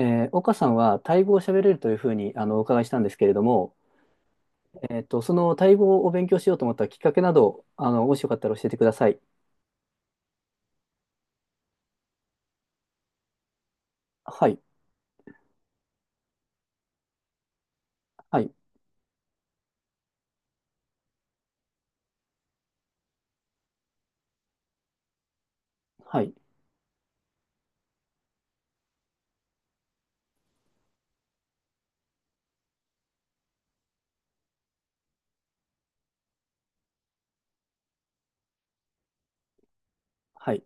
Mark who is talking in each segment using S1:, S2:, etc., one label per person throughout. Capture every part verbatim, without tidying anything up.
S1: えー岡さんはタイ語を喋れるというふうにあのお伺いしたんですけれども、えっと、そのタイ語を勉強しようと思ったきっかけなど、あの、もしよかったら教えてください。はい、はい、はい、はい、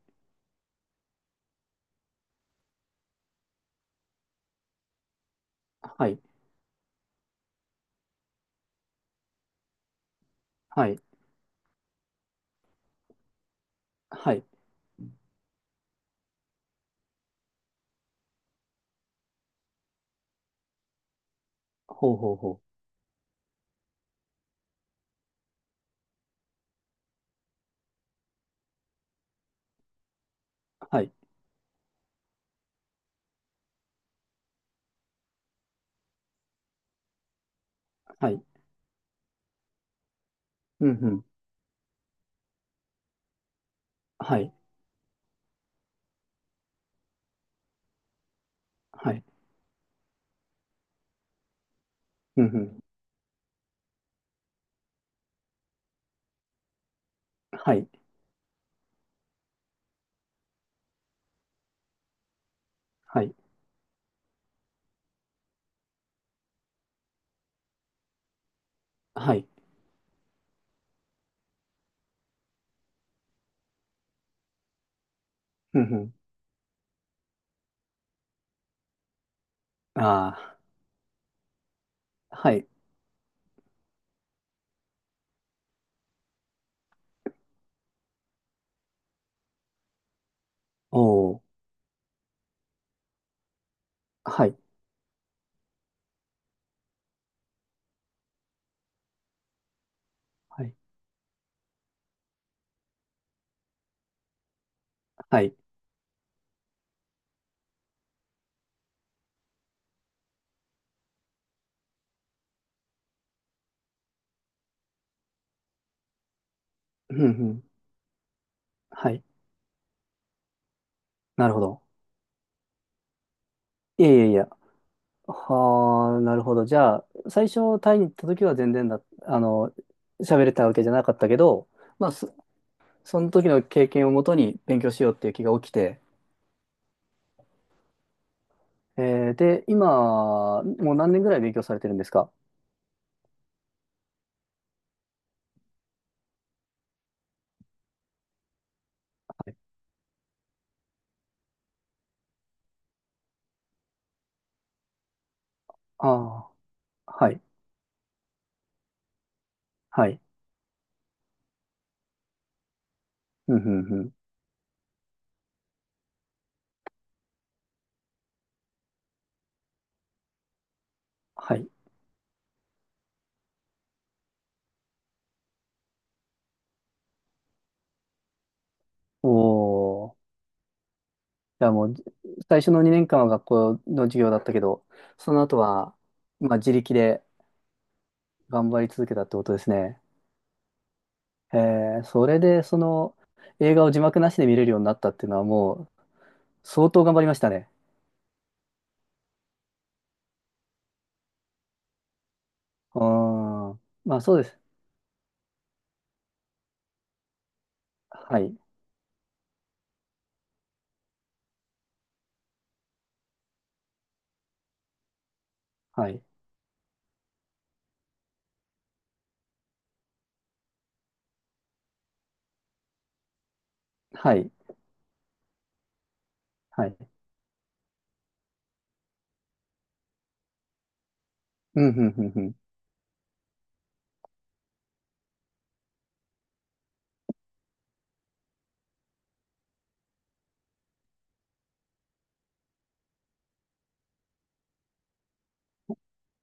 S1: はい、はい、はい、ほうほうほう、はい、はい、うんうん、はい、はい、うんうん、はい、はい、はい、うんうん、ああ、はい、おお、はい、はい、はい、うんうん、はい、なるほど。いやいやいや、はあ、なるほど。じゃあ、最初タイに行った時は全然だ、あの、喋れたわけじゃなかったけど、まあ、そ、その時の経験をもとに勉強しようっていう気が起きて、えーで、今、もう何年ぐらい勉強されてるんですか？はい、ああ、はい、はい、うん、うん、うん、はい。おお、じゃあもう、最初のにねんかんは学校の授業だったけど、その後は、まあ、自力で頑張り続けたってことですね。へえ、それでその映画を字幕なしで見れるようになったっていうのはもう相当頑張りましたね。うーん。まあそうです。はい。はい。はい。はい。うん、うん、うん、うん。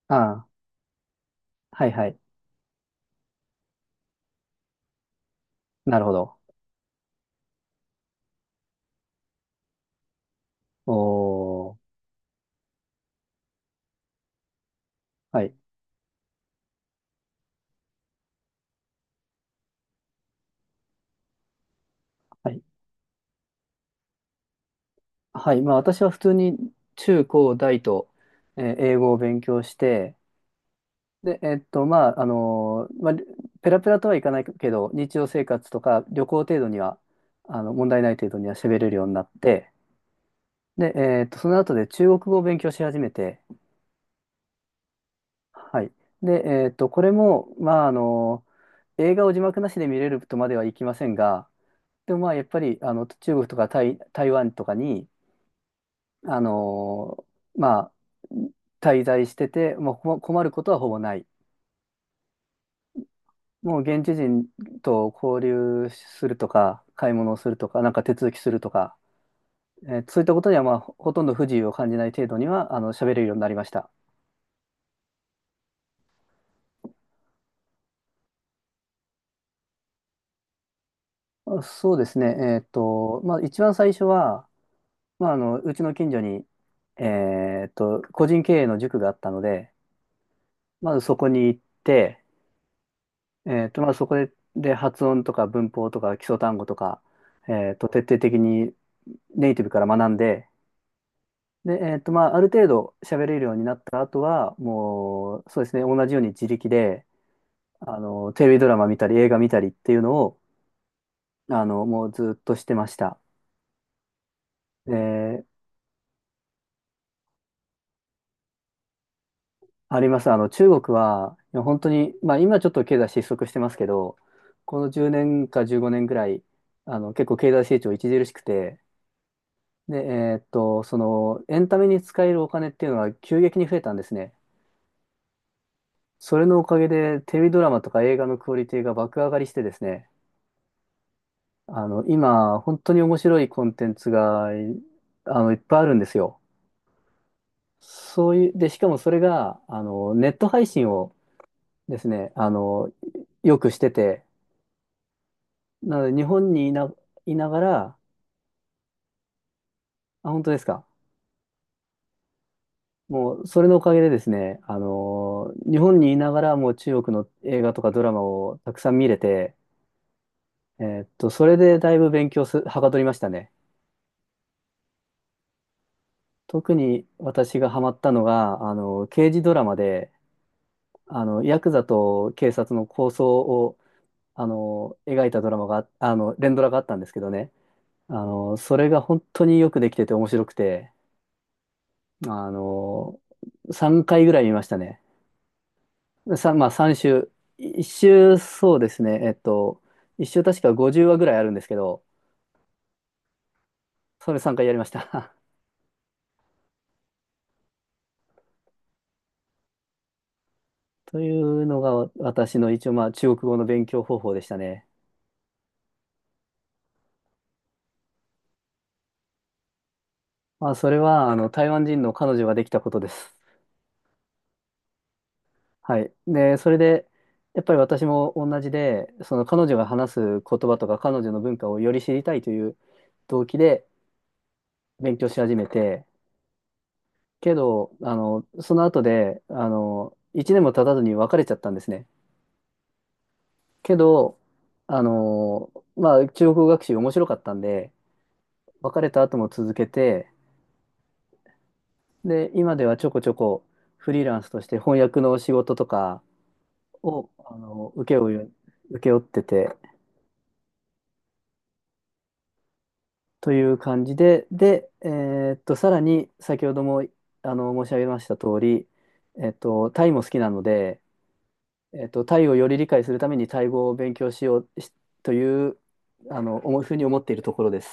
S1: ああ、はい、はい。なるほど。おー。はい。はい。はい。まあ私は普通に中高大と、えー英語を勉強して、で、えっと、まあ、あのーまあ、ペラペラとはいかないけど、日常生活とか旅行程度には、あの、問題ない程度には喋れるようになって、で、えーっと、その後で中国語を勉強し始めて、はい。で、えーっと、これも、まあ、あの、映画を字幕なしで見れるとまではいきませんが、でもまあ、やっぱり、あの、中国とか台、台湾とかに、あの、まあ、滞在してて、もうこ困ることはほぼない。もう現地人と交流するとか、買い物をするとか、なんか手続きするとか、えーそういったことには、まあ、ほとんど不自由を感じない程度には、あの、喋れるようになりました。あ、そうですね。えーっと、まあ、一番最初は、まあ、あの、うちの近所に、えーっと、個人経営の塾があったので、まずそこに行って、えーっと、まあ、そこで、で、発音とか文法とか基礎単語とか、えーっと、徹底的にネイティブから学んで、で、えーっと、まあ、ある程度喋れるようになった後は、もう、そうですね、同じように自力で、あの、テレビドラマ見たり、映画見たりっていうのを、あの、もうずっとしてました。あります。あの、中国は、いや本当に、まあ今ちょっと経済失速してますけど、このじゅうねんかじゅうごねんぐらい、あの、結構経済成長著しくて、で、えーっと、その、エンタメに使えるお金っていうのは急激に増えたんですね。それのおかげで、テレビドラマとか映画のクオリティが爆上がりしてですね、あの、今、本当に面白いコンテンツが、いあの、いっぱいあるんですよ。そういう、で、しかもそれが、あの、ネット配信をですね、あの、よくしてて、なので、日本にいな、いながら、あ、本当ですか。もう、それのおかげでですね、あのー日本にいながら、もう中国の映画とかドラマをたくさん見れて、えーっと、それでだいぶ勉強す、はかどりましたね。特に私がハマったのが、あの、刑事ドラマで、あの、ヤクザと警察の抗争を、あの、描いたドラマが、あの、連ドラがあったんですけどね、あの、それが本当によくできてて面白くて、あの、さんかいぐらい見ましたね。さ、まあさん週。いっ週、そうですね。えっと、いっ週確かごじゅうわぐらいあるんですけど、それさんかいやりました。というのが私の一応まあ中国語の勉強方法でしたね。まあそれはあの台湾人の彼女ができたことです。はい。で、それで、やっぱり私も同じで、その彼女が話す言葉とか彼女の文化をより知りたいという動機で勉強し始めて、けど、あの、その後で、あの、いちねんも経たずに別れちゃったんですね。けど、あのーまあ、中国語学習面白かったんで、別れた後も続けて、で、今ではちょこちょこフリーランスとして翻訳の仕事とかを、あのー請け負う、請け負ってて、という感じで、で、えーっと、さらに先ほども、あの、申し上げました通り、えっと、タイも好きなので、えっと、タイをより理解するためにタイ語を勉強しようしという、あの、思うふうに思っているところです。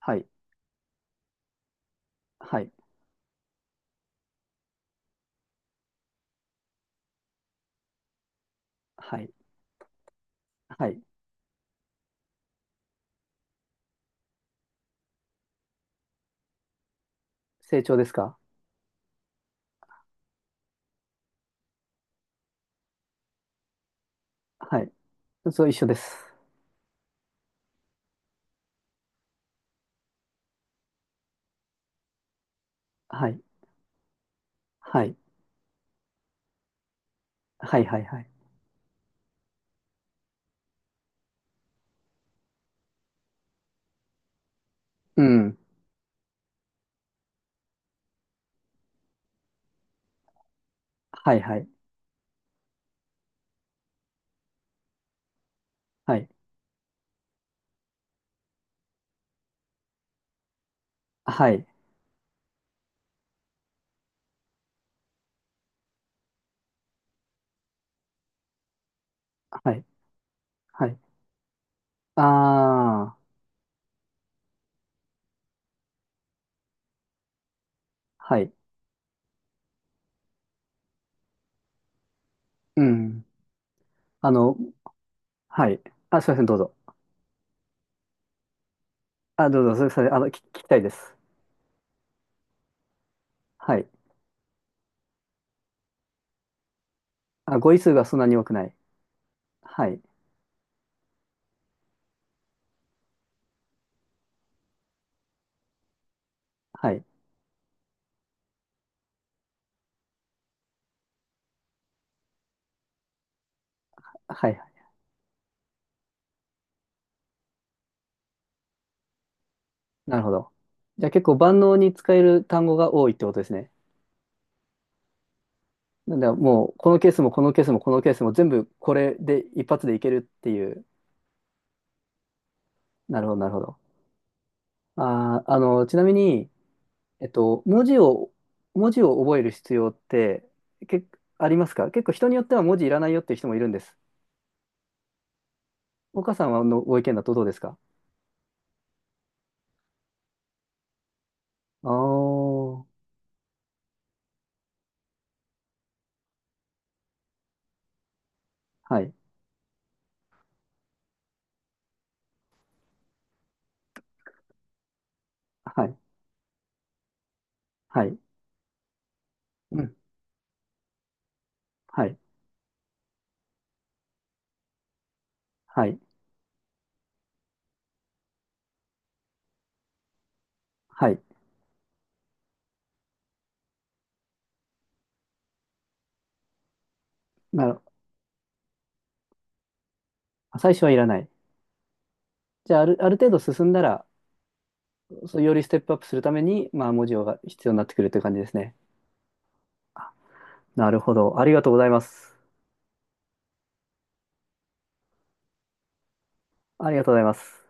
S1: はい、はい、はい、はい。成長ですか？はい。そう、一緒です。はい。はい。はい、はい、はい。うん。はい、はい。はい。はい。はい。はい。ああ、はい。うん。あの、はい。あ、すいません、どうぞ。あ、どうぞ、それ、それ、あの、聞き聞きたいです。はい。あ、語彙数がそんなに多くない。はい。はい。はい。なるほど。じゃあ結構万能に使える単語が多いってことですね。なんで、もう、このケースも、このケースも、このケースも、全部これで一発でいけるっていう。なるほど、なるほど。あー、あの、ちなみに、えっと、文字を、文字を覚える必要って、け、ありますか？結構人によっては文字いらないよっていう人もいるんです。岡さんはのご意見だとどうですか？ああー、はい、はい、はい、うん、はい、はい、はい。なる、最初はいらない。じゃあ、ある、ある程度進んだら、そう、よりステップアップするために、まあ、文字が必要になってくるという感じですね。なるほど。ありがとうございます。ありがとうございます。